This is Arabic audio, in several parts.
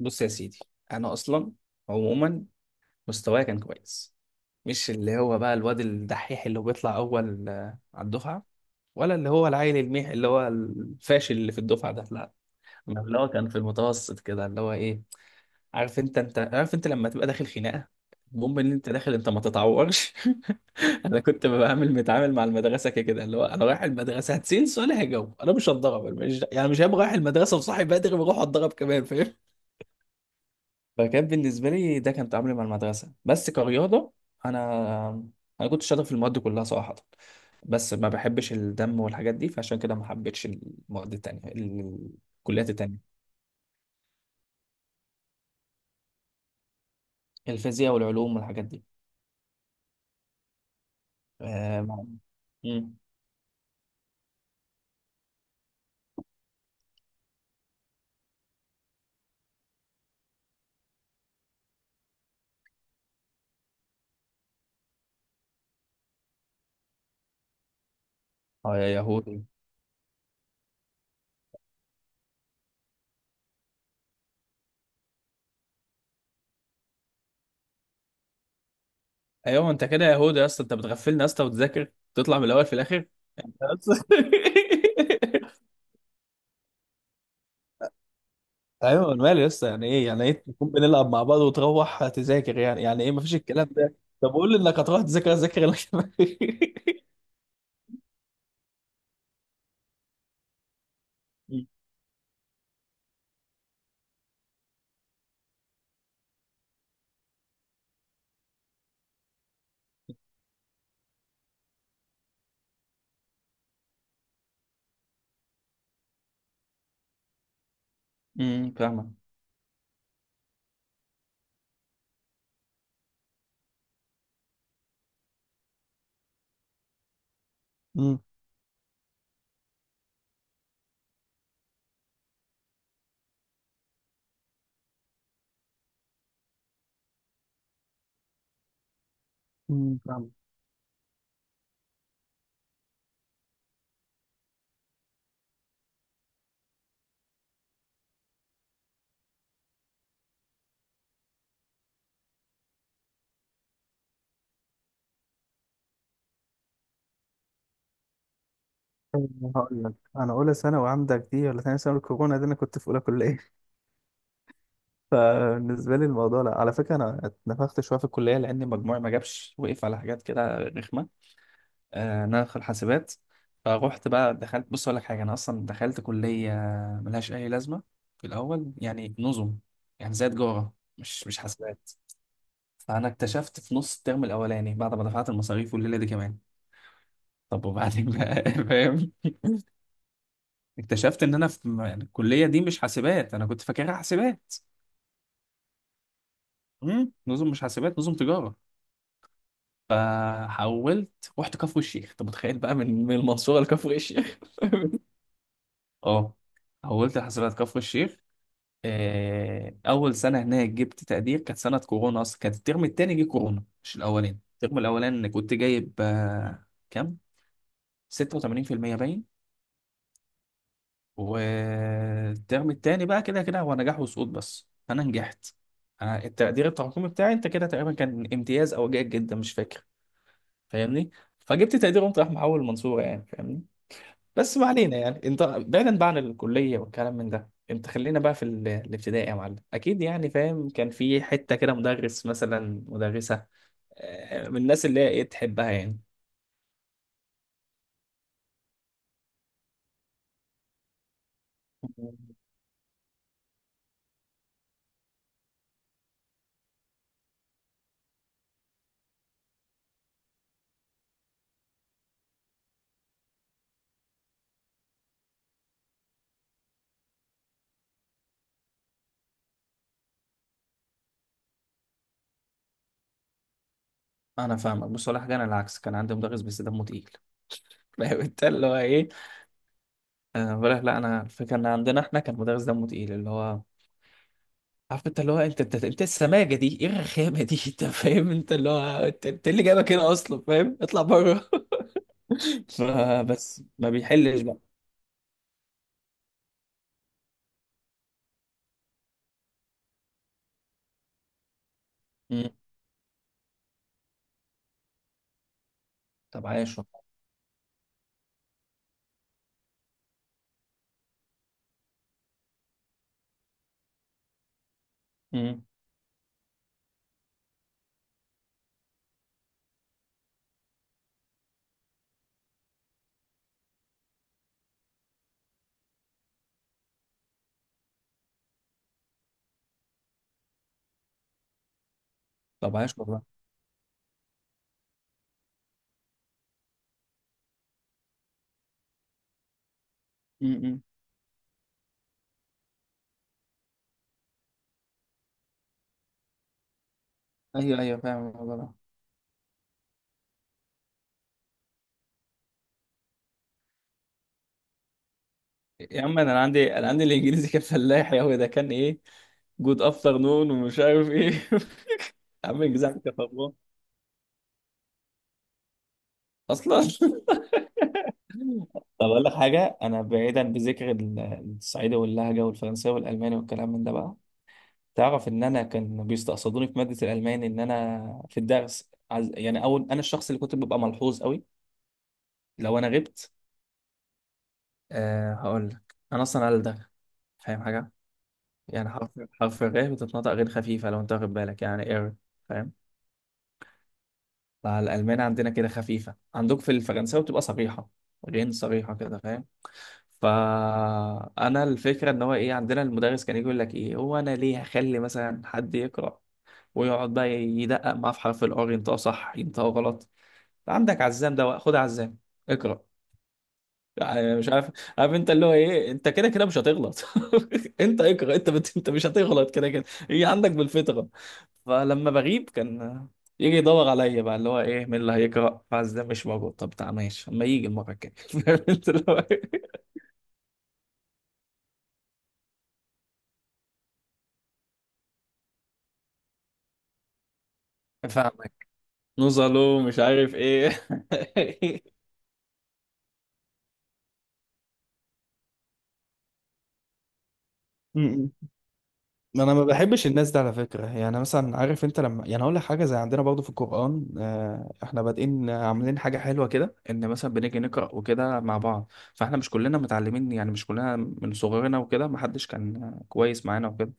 بص يا سيدي، انا اصلا، عموما مستواي كان كويس. مش اللي هو بقى الواد الدحيح اللي هو بيطلع اول على الدفعه، ولا اللي هو العيل الميح اللي هو الفاشل اللي في الدفعه، ده لا. أنا اللي هو كان في المتوسط كده اللي هو ايه. عارف انت عارف انت لما تبقى داخل خناقه، المهم ان انت داخل انت ما تتعورش. انا كنت بعمل متعامل مع المدرسه كده، اللي هو انا رايح المدرسه هتسال سؤال هجاوب انا مش هتضرب. أنا مش يعني مش هبقى رايح المدرسه وصاحي بدري واروح اتضرب كمان، فاهم. فكان بالنسبة لي ده كان تعاملي مع المدرسة بس كرياضة. أنا أنا كنت شاطر في المواد كلها صراحة. بس ما بحبش الدم والحاجات دي، فعشان كده ما حبيتش المواد التانية، الكليات التانية. الفيزياء والعلوم والحاجات دي. آه ما- مم. يا يهودي. ايوه انت كده يا يهودي يا اسطى، انت بتغفلنا يا اسطى وتذاكر تطلع من الاول في الاخر بس. ايوه، أنا مالي لسه. يعني ايه يعني ايه تكون بنلعب مع بعض وتروح تذاكر؟ يعني ايه مفيش الكلام ده. طب قول لي انك هتروح تذاكر اذاكر لك. فاهمك. امم فاهم. أنا هقول لك، انا اولى ثانوي عندك دي ولا ثاني ثانوي الكورونا دي انا كنت في اولى كليه. فبالنسبه لي الموضوع، لا على فكره انا اتنفخت شويه في الكليه لان مجموعي ما جابش وقف على حاجات كده رخمه. انا في الحاسبات. فروحت بقى دخلت، بص اقول لك حاجه، انا اصلا دخلت كليه ملهاش اي لازمه في الاول، يعني نظم، يعني زي تجاره مش حاسبات. فانا اكتشفت في نص الترم الاولاني بعد ما دفعت المصاريف والليله دي كمان، طب وبعدين بقى؟ فاهم. اكتشفت ان انا في، يعني الكليه دي مش حاسبات، انا كنت فاكرها حاسبات. نظم مش حاسبات، نظم تجاره. فحولت رحت كفر الشيخ، طب متخيل بقى من المنصوره لكفر الشيخ؟ اه، حولت حاسبات كفر الشيخ. اول سنه هناك جبت تقدير، كانت سنه كورونا، اصلا كانت الترم التاني جه كورونا مش الاولاني. الترم الاولاني كنت جايب كام؟ 86% باين. والترم التاني بقى كده كده هو نجاح وسقوط، بس انا نجحت. أنا التقدير التراكمي بتاعي انت كده تقريبا كان امتياز او جيد جدا، مش فاكر، فاهمني. فجبت تقدير قمت راح محول المنصوره، يعني فاهمني. بس ما علينا، يعني انت بعيدا بقى عن الكليه والكلام من ده، انت خلينا بقى في الابتدائي يا معلم. اكيد يعني فاهم كان في حته كده مدرس مثلا مدرسه من الناس اللي هي ايه تحبها يعني. انا فاهمك بصراحه، انا العكس، كان عندي مدرس بس دمه تقيل. فاهم انت اللي هو ايه. آه بقول لك، لا انا الفكره ان عندنا احنا كان مدرس دمه تقيل، اللي هو، عارف انت اللي هو، انت السماجه دي، ايه الرخامه دي؟ انت فاهم، انت اللي هو انت إيه اللي جايبك هنا اصلا؟ فاهم، اطلع بره. فبس ما بيحلش بقى. طب عايش والله. امم طب عايش والله. امم ايوه ايوه فاهم الموضوع ده. يا عم، انا عندي الانجليزي كان فلاح، يا هو ده كان ايه، جود افتر نون ومش عارف ايه. يا عم، انجليزي عندي كان خربان اصلا. طب اقول لك حاجه، انا بعيدا بذكر الصعيدي واللهجه والفرنساوي والالماني والكلام من ده بقى. تعرف ان انا كان بيستقصدوني في ماده الالماني، ان انا في الدرس يعني اول، انا الشخص اللي كنت ببقى ملحوظ قوي لو انا غبت. أه هقول لك، انا اصلا قال ده، فاهم حاجه، يعني حرف الراء بتتنطق غير خفيفة لو انت واخد بالك، يعني اير، فاهم. فالألمان عندنا كده خفيفة، عندك في الفرنساوي بتبقى صريحة، غين صريحة كده، فاهم. فأنا الفكرة إن هو إيه، عندنا المدرس كان يجي يقول لك إيه، هو أنا ليه هخلي مثلا حد يقرأ ويقعد بقى يدقق معاه في حرف الآر ينطقه صح ينطقه غلط. عندك عزام، ده خد عزام اقرأ، يعني مش عارف. عارف انت اللي هو ايه، انت كده كده مش هتغلط. انت اقرا، انت مش هتغلط كده كده، هي عندك بالفطره. فلما بغيب كان يجي يدور عليا بقى اللي هو ايه مين اللي هيقرا، فاز ده مش موجود، طب تعال ماشي، اما يجي المره الجايه. فاهم انت اللي هو إيه؟ فاهمك، نوصله مش عارف ايه. م- م. ما انا ما بحبش الناس دي على فكره. يعني مثلا عارف انت لما، يعني اقول لك حاجه زي، عندنا برضو في القران، احنا بادئين عاملين حاجه حلوه كده، ان مثلا بنيجي نقرا وكده مع بعض. فاحنا مش كلنا متعلمين، يعني مش كلنا من صغرنا وكده ما حدش كان كويس معانا وكده.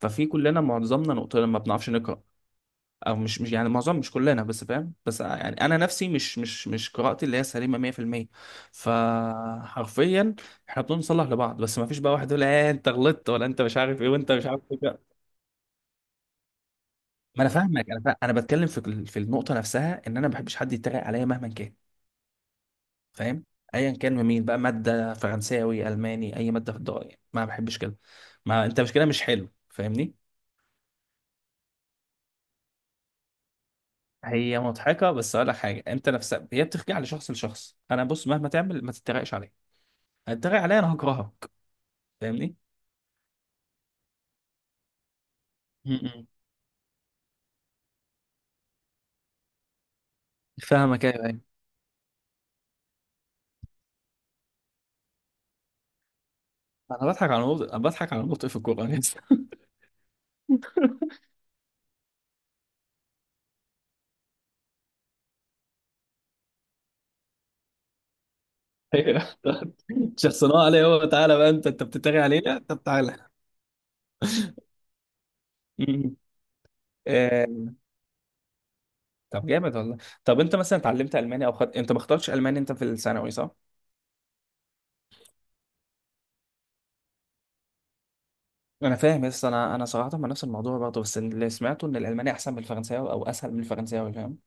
ففي كلنا معظمنا نقطه لما بنعرفش نقرا، او مش يعني معظم مش كلنا بس فاهم، بس يعني انا نفسي مش قراءتي اللي هي سليمه 100%. فحرفيا احنا بنصلح لبعض، بس ما فيش بقى واحد يقول ايه، انت غلطت، ولا انت مش عارف ايه، وانت مش عارف ايه. ما انا فاهمك، انا فاهم. انا بتكلم في في النقطه نفسها، ان انا ما بحبش حد يتريق عليا مهما كان، فاهم. ايا كان من مين بقى، ماده فرنساوي، الماني، اي ماده في الدنيا ما بحبش كده. ما انت مش كده مش حلو، فاهمني. هي مضحكه بس اقول لك حاجه، انت نفسها هي بترجع لشخص لشخص. انا بص، مهما تعمل ما تتريقش عليا، هتتريق عليا انا هكرهك، فاهمني. م-م. فاهمك، ايوه ايوه. انا بضحك على نقطة في الكوره بس. أيوة. شخصناه عليه، هو تعالى بقى، انت بتتريق علينا، طب تعالى. م-م. طب جامد والله. طب انت مثلا اتعلمت الماني، انت ما اخترتش الماني انت في الثانوي، صح؟ انا فاهم، بس انا صراحه مع نفس الموضوع برضه. بس اللي سمعته ان الالماني احسن من الفرنساوي او اسهل من الفرنساوي، فاهم؟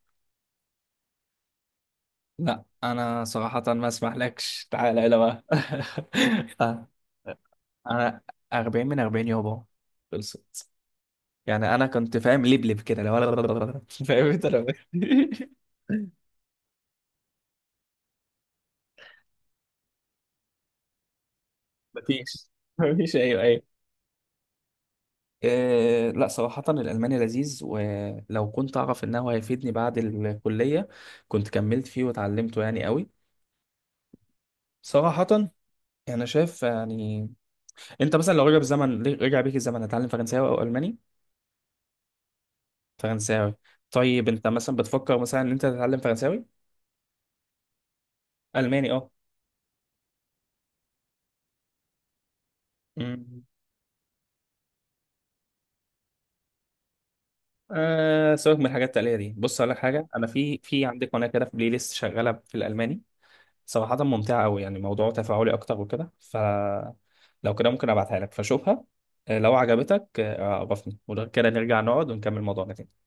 لا انا صراحه ما اسمحلكش، تعالى الى بقى. آه، انا 40 من 40 يابا، خلصت. يعني انا كنت فاهم لبلب كده لو. فاهم انت لو. مفيش. مفيش، ايوه ايوه. إيه، لا صراحة الألماني لذيذ، ولو كنت أعرف إنه هيفيدني بعد الكلية كنت كملت فيه وتعلمته يعني، قوي صراحة. أنا شايف يعني، أنت مثلا لو رجع بيك الزمن هتتعلم فرنساوي أو ألماني؟ فرنساوي، طيب. أنت مثلا بتفكر مثلا إن أنت تتعلم فرنساوي؟ ألماني أه. أمم. سيبك من الحاجات التقليدية دي. بص أقول لك حاجة، أنا في عندي قناة كده، في بلاي ليست شغالة في الألماني صراحة، ممتعة أوي يعني، موضوع تفاعلي أكتر وكده. فلو كده ممكن أبعتها لك فشوفها، لو عجبتك، عرفني، وده كده نرجع نقعد ونكمل موضوعنا تاني.